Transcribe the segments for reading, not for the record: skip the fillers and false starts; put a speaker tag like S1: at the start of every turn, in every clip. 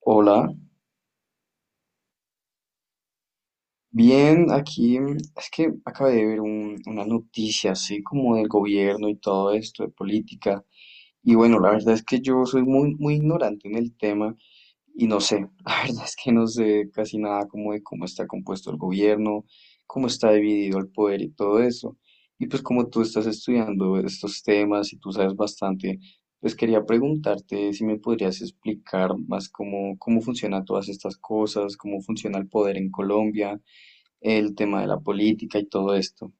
S1: Hola, bien, aquí es que acabé de ver una noticia así como del gobierno y todo esto, de política. Y bueno, la verdad es que yo soy muy, muy ignorante en el tema. Y no sé, la verdad es que no sé casi nada como de cómo está compuesto el gobierno, cómo está dividido el poder y todo eso. Y pues como tú estás estudiando estos temas y tú sabes bastante, pues quería preguntarte si me podrías explicar más cómo, cómo funcionan todas estas cosas, cómo funciona el poder en Colombia, el tema de la política y todo esto.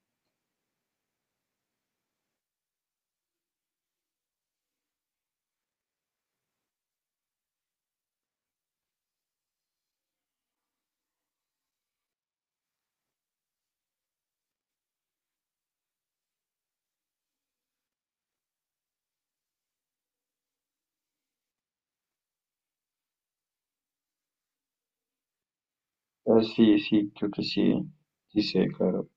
S1: Ah, sí, sí, creo que sí, sí sé, claro.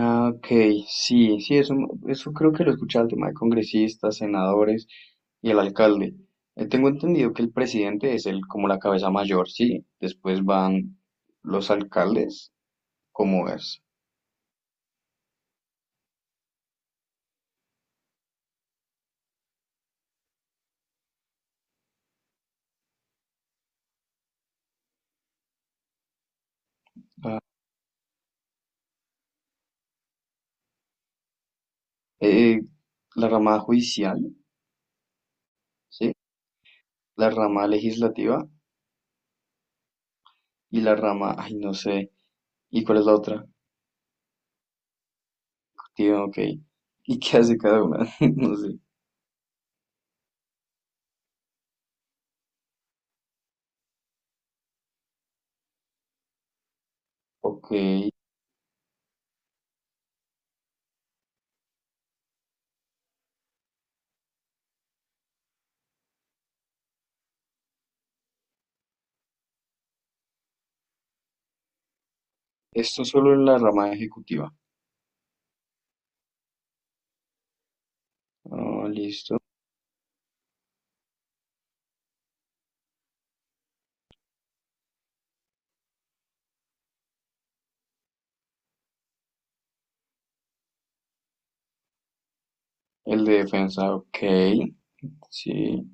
S1: Ah, ok, sí, sí, eso creo que lo escuché al tema de congresistas, senadores y el alcalde. Tengo entendido que el presidente es el como la cabeza mayor, sí, después van los alcaldes, ¿cómo es? Ah, eh, la rama judicial, sí, la rama legislativa y la rama, ay, no sé, ¿y cuál es la otra? Tío, ok, ¿y qué hace cada una? No sé, ok, esto solo en la rama ejecutiva. Ah, listo. El de defensa, ok. Sí.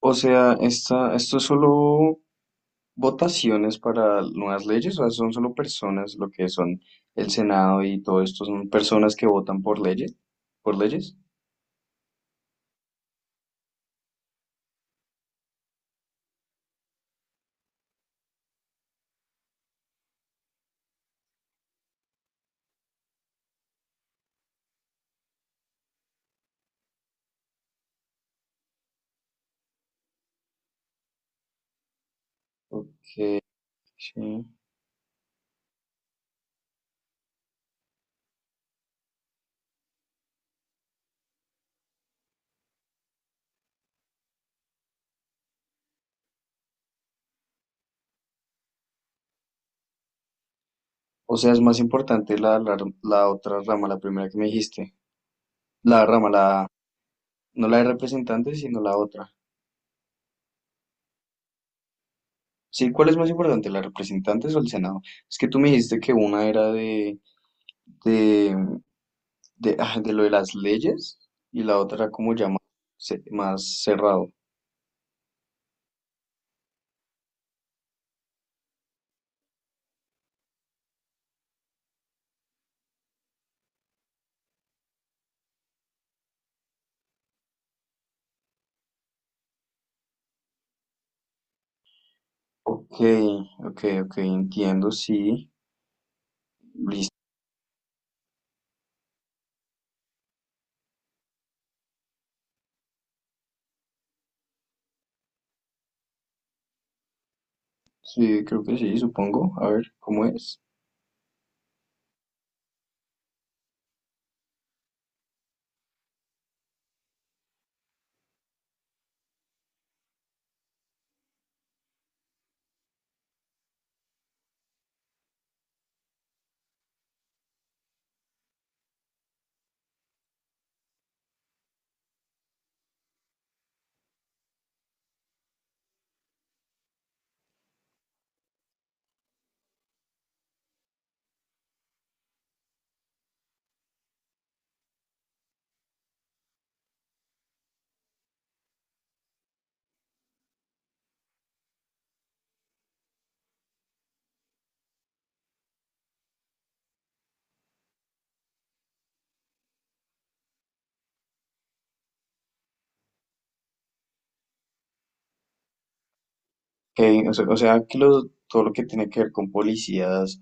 S1: O sea, esta, esto es solo votaciones para nuevas leyes, o sea, son solo personas, lo que son el Senado y todo esto, son personas que votan por leyes, por leyes. Ok, sí. O sea, es más importante la, la, la otra rama, la primera que me dijiste. La rama, la, no la de representantes, sino la otra. Sí, ¿cuál es más importante, la de representantes o el Senado? Es que tú me dijiste que una era de, de, ah, de lo de las leyes y la otra era como ya más, más cerrado. Ok, ok, ok, entiendo, sí. Listo, sí, creo que sí, supongo. A ver, ¿cómo es? Ok, o sea que todo lo que tiene que ver con policías,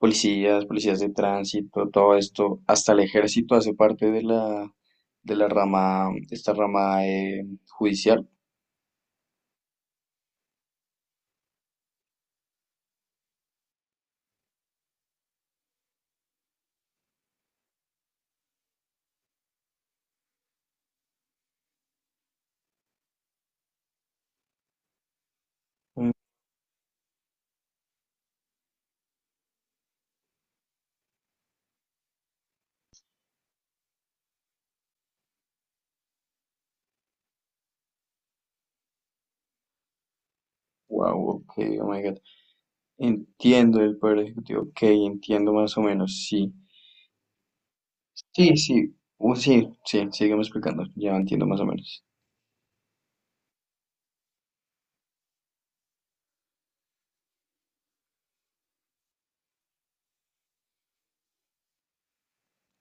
S1: policías, policías de tránsito, todo esto, hasta el ejército hace parte de la rama, esta rama judicial. Wow, ok, oh my God. Entiendo el poder ejecutivo, ok, entiendo más o menos, sí. Sí, sí, sí, sí, sígueme explicando, ya entiendo más o menos.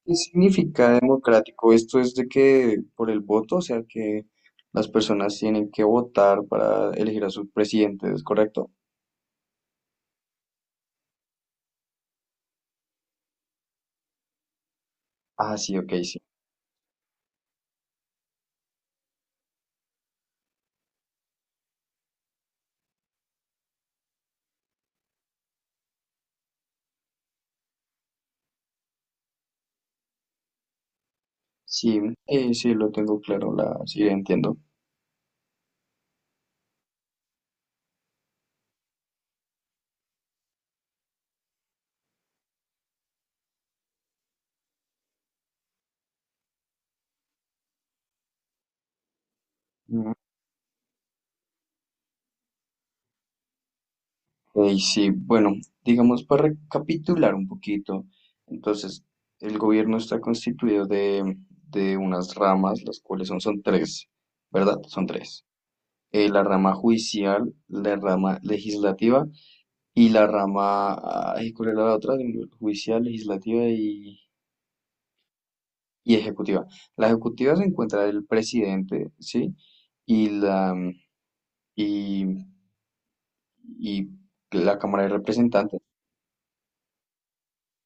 S1: ¿Qué significa democrático? Esto es de que por el voto, o sea que las personas tienen que votar para elegir a sus presidentes, ¿es correcto? Ah, sí, ok, sí. Sí, sí, lo tengo claro, la, sí, entiendo. Mm. Sí, bueno, digamos para recapitular un poquito, entonces el gobierno está constituido de unas ramas, las cuales son, son tres, ¿verdad? Son tres. Eh, la rama judicial, la rama legislativa y la rama, ay, ¿cuál era la otra? Judicial, legislativa y ejecutiva. La ejecutiva se encuentra el presidente, ¿sí? Y la, y, y la Cámara de Representantes.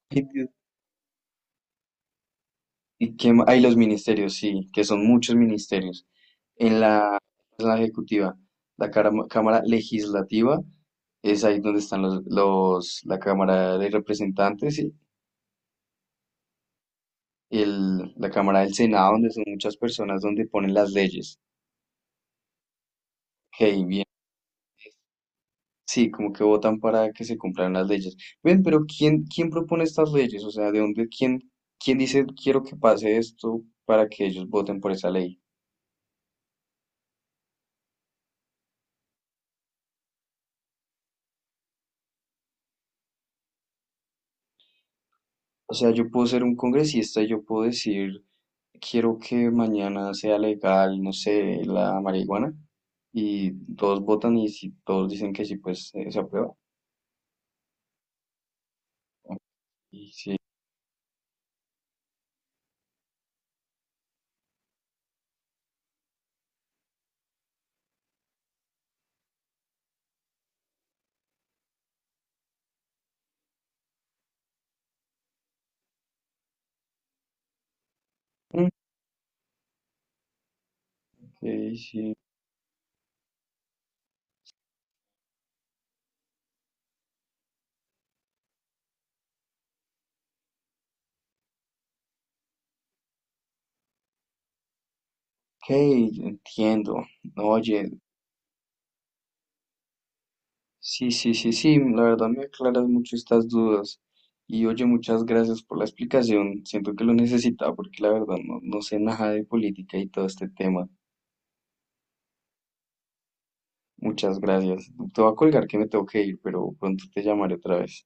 S1: Y, y qué hay los ministerios, sí, que son muchos ministerios. En la, en la ejecutiva, la Cámara Legislativa, es ahí donde están los, la Cámara de Representantes, ¿sí? La Cámara del Senado, donde son muchas personas donde ponen las leyes. Hey, bien. Sí, como que votan para que se cumplan las leyes. Ven, pero ¿quién, quién propone estas leyes? O sea, ¿de dónde, quién, quién dice quiero que pase esto para que ellos voten por esa ley? O sea, yo puedo ser un congresista y yo puedo decir quiero que mañana sea legal, no sé, la marihuana. Y todos votan y si todos dicen que sí, pues se aprueba. Y sí, ok, sí. Ok, entiendo. Oye, sí, sí, sí, sí, la verdad me aclaras mucho estas dudas. Y oye, muchas gracias por la explicación. Siento que lo necesitaba porque la verdad no, no sé nada de política y todo este tema. Muchas gracias. Te voy a colgar que me tengo que ir, pero pronto te llamaré otra vez.